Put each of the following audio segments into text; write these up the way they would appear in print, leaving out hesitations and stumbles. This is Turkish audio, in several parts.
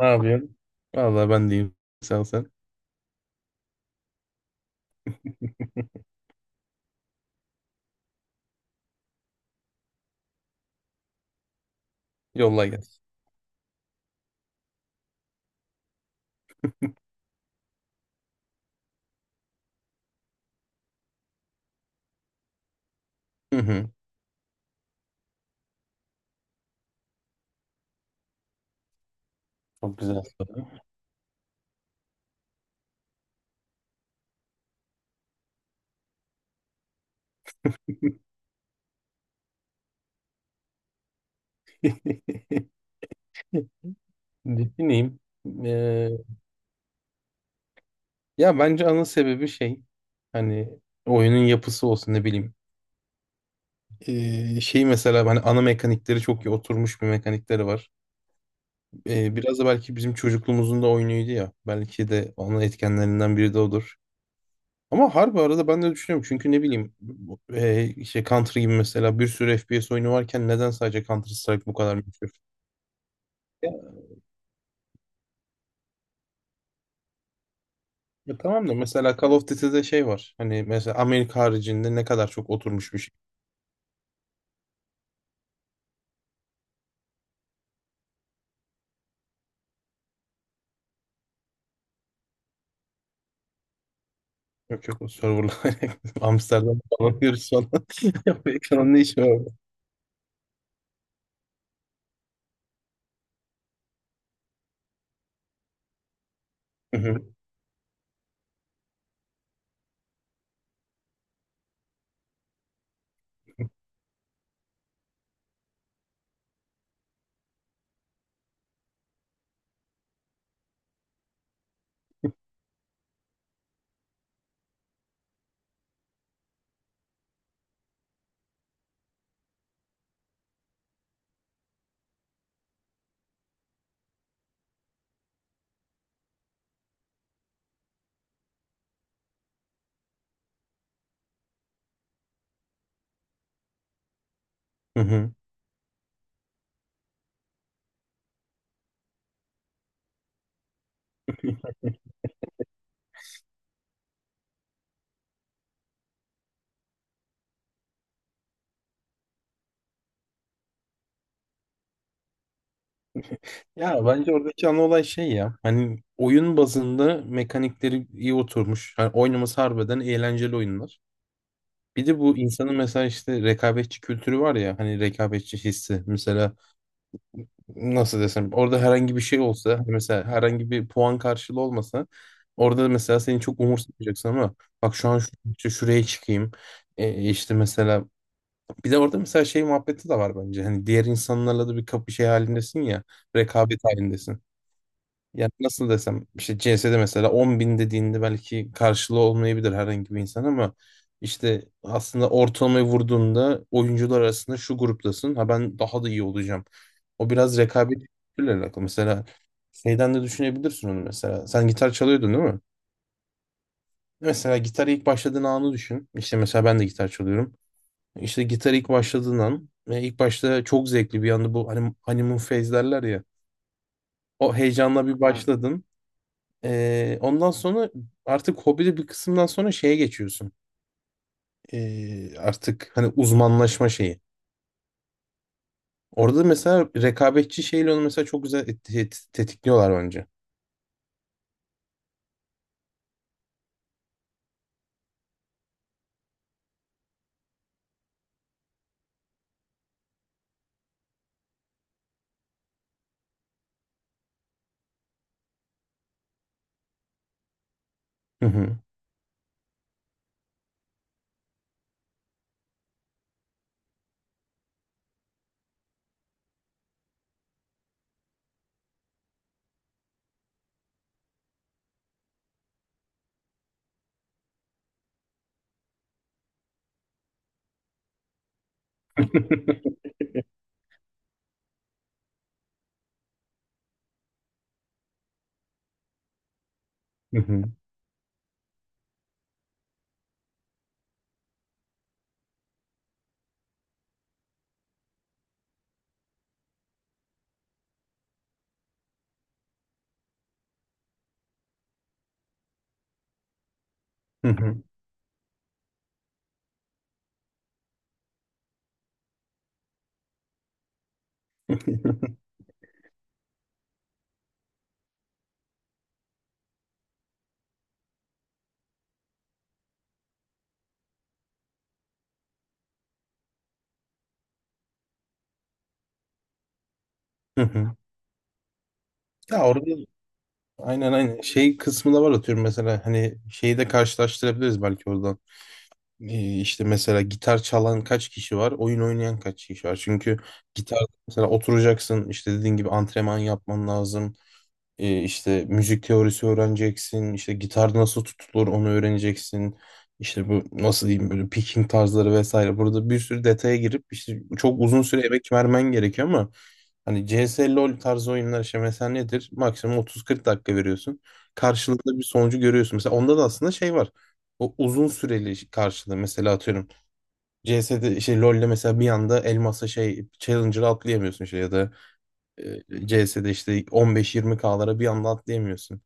Ne yapıyorsun? Vallahi ben diyeyim. Sen sen. Yolla gel. Hı hı. Çok güzel soru. Düşüneyim. Ee, ya bence ana sebebi şey hani oyunun yapısı olsun ne bileyim. Şey mesela hani ana mekanikleri çok iyi oturmuş bir mekanikleri var. Biraz da belki bizim çocukluğumuzun da oyunuydu ya. Belki de onun etkenlerinden biri de odur. Ama harbi arada ben de düşünüyorum. Çünkü ne bileyim işte Counter gibi mesela bir sürü FPS oyunu varken neden sadece Counter Strike bu kadar meşhur? Ya, ya, tamam da mesela Call of Duty'de şey var. Hani mesela Amerika haricinde ne kadar çok oturmuş bir şey. Yok yok o serverlar. Amsterdam falan diyoruz falan. Amerika'nın ne işi var orada? Hı hı, hı hı. Ya bence oradaki ana olay şey ya. Hani oyun bazında mekanikleri iyi oturmuş. Hani oynaması harbiden eğlenceli oyunlar. Bir de bu insanın mesela işte rekabetçi kültürü var ya. Hani rekabetçi hissi. Mesela nasıl desem orada herhangi bir şey olsa mesela herhangi bir puan karşılığı olmasa orada da mesela seni çok umursamayacaksın ama bak şu an şuraya çıkayım. İşte mesela bir de orada mesela şey muhabbeti de var bence hani diğer insanlarla da bir kapı şey halindesin ya rekabet halindesin. Yani nasıl desem işte CS'de mesela 10 bin dediğinde belki karşılığı olmayabilir herhangi bir insan ama işte aslında ortalamayı vurduğunda oyuncular arasında şu gruptasın ha ben daha da iyi olacağım. O biraz rekabet kültürüyle alakalı. Mesela şeyden de düşünebilirsin onu mesela. Sen gitar çalıyordun değil mi? Mesela gitar ilk başladığın anı düşün. İşte mesela ben de gitar çalıyorum. İşte gitar ilk başladığın an ve ilk başta çok zevkli bir anda bu hani honeymoon phase derler ya. O heyecanla bir başladın. Ondan sonra artık hobide bir kısımdan sonra şeye geçiyorsun. Artık hani uzmanlaşma şeyi. Orada mesela rekabetçi şeyle onu mesela çok güzel tetikliyorlar bence. Hı hı. Hı hı. Hı hı. Hı hı. Ya orada aynen aynen şey kısmı da var atıyorum mesela hani şeyi de karşılaştırabiliriz belki oradan. İşte mesela gitar çalan kaç kişi var, oyun oynayan kaç kişi var. Çünkü gitar mesela oturacaksın işte dediğin gibi antrenman yapman lazım. İşte müzik teorisi öğreneceksin, işte gitar nasıl tutulur onu öğreneceksin. İşte bu nasıl diyeyim böyle picking tarzları vesaire. Burada bir sürü detaya girip işte çok uzun süre emek vermen gerekiyor ama hani CS LoL tarzı oyunlar işte mesela nedir? Maksimum 30-40 dakika veriyorsun. Karşılığında bir sonucu görüyorsun. Mesela onda da aslında şey var. O uzun süreli karşılığı mesela atıyorum. CS'de şey LoL'de mesela bir anda elmasa şey challenger'ı atlayamıyorsun şey ya da CS'de işte 15-20K'lara bir anda atlayamıyorsun.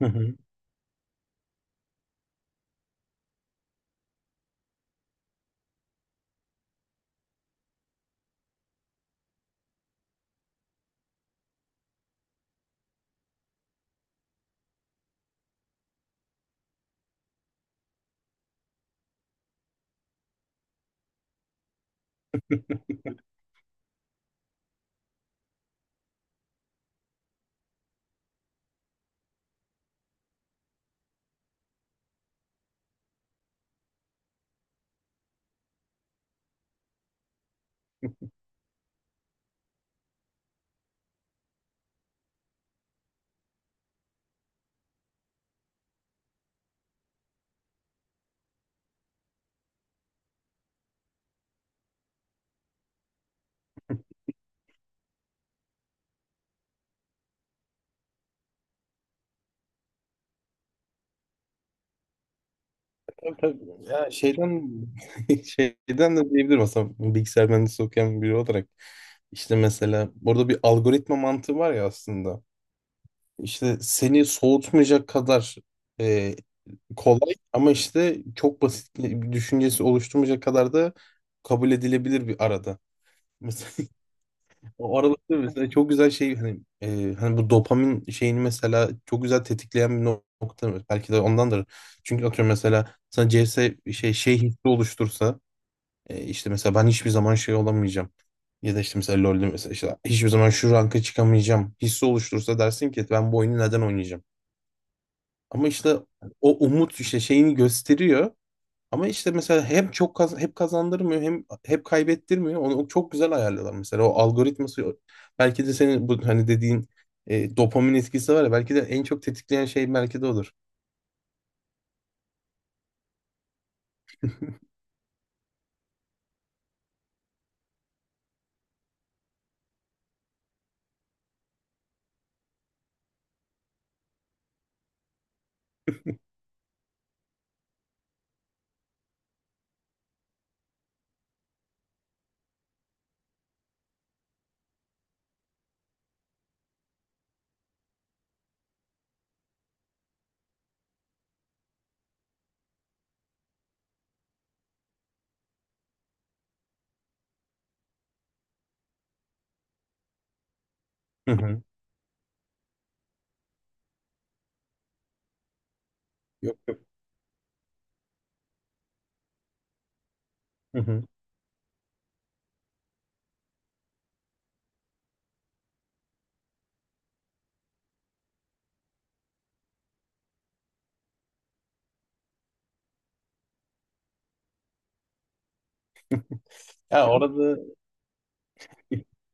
Hı hı. Tabii tabii. Ya şeyden şeyden de diyebilirim aslında bilgisayar mühendisi okuyan biri olarak. İşte mesela burada bir algoritma mantığı var ya aslında. İşte seni soğutmayacak kadar e, kolay ama işte çok basit bir düşüncesi oluşturmayacak kadar da kabul edilebilir bir arada. O aralıkta mesela çok güzel şey hani hani bu dopamin şeyini mesela çok güzel tetikleyen bir nokta belki de ondandır. Çünkü atıyorum mesela sana CS şey şey hissi oluştursa işte mesela ben hiçbir zaman şey olamayacağım. Ya da işte mesela LoL'de mesela işte hiçbir zaman şu ranka çıkamayacağım hissi oluştursa dersin ki ben bu oyunu neden oynayacağım? Ama işte o umut işte şeyini gösteriyor. Ama işte mesela hem çok hep kazandırmıyor hem hep kaybettirmiyor. Onu çok güzel ayarlıyorlar mesela. O algoritması belki de senin bu hani dediğin dopamin etkisi var ya belki de en çok tetikleyen şey belki de odur. Hı hı. Yok. Hı hı. Ya orada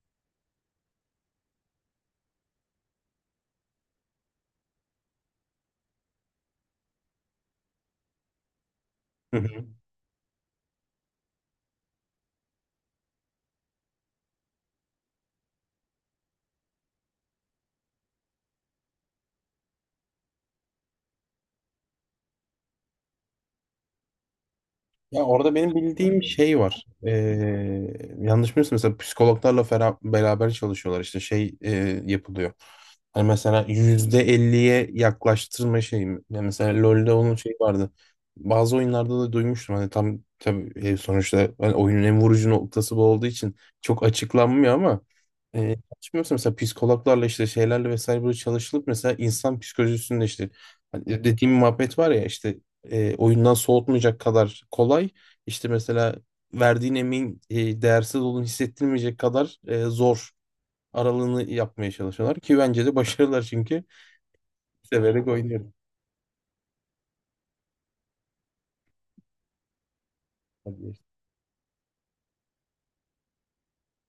Hı hı. Ya orada benim bildiğim şey var. Yanlış bilmiyorsam mesela psikologlarla beraber çalışıyorlar. İşte şey yapılıyor. Hani mesela %50'ye yaklaştırma şeyi mi? Yani mesela LoL'de onun şeyi vardı. Bazı oyunlarda da duymuştum. Hani tam tabii sonuçta hani oyunun en vurucu noktası bu olduğu için çok açıklanmıyor ama yanlış bilmiyorsam mesela psikologlarla işte şeylerle vesaire böyle çalışılıp mesela insan psikolojisinde işte hani dediğim muhabbet var ya işte oyundan soğutmayacak kadar kolay. İşte mesela verdiğin emeğin değersiz olduğunu hissettirmeyecek kadar zor aralığını yapmaya çalışıyorlar ki bence de başarılar çünkü severek oynuyorum.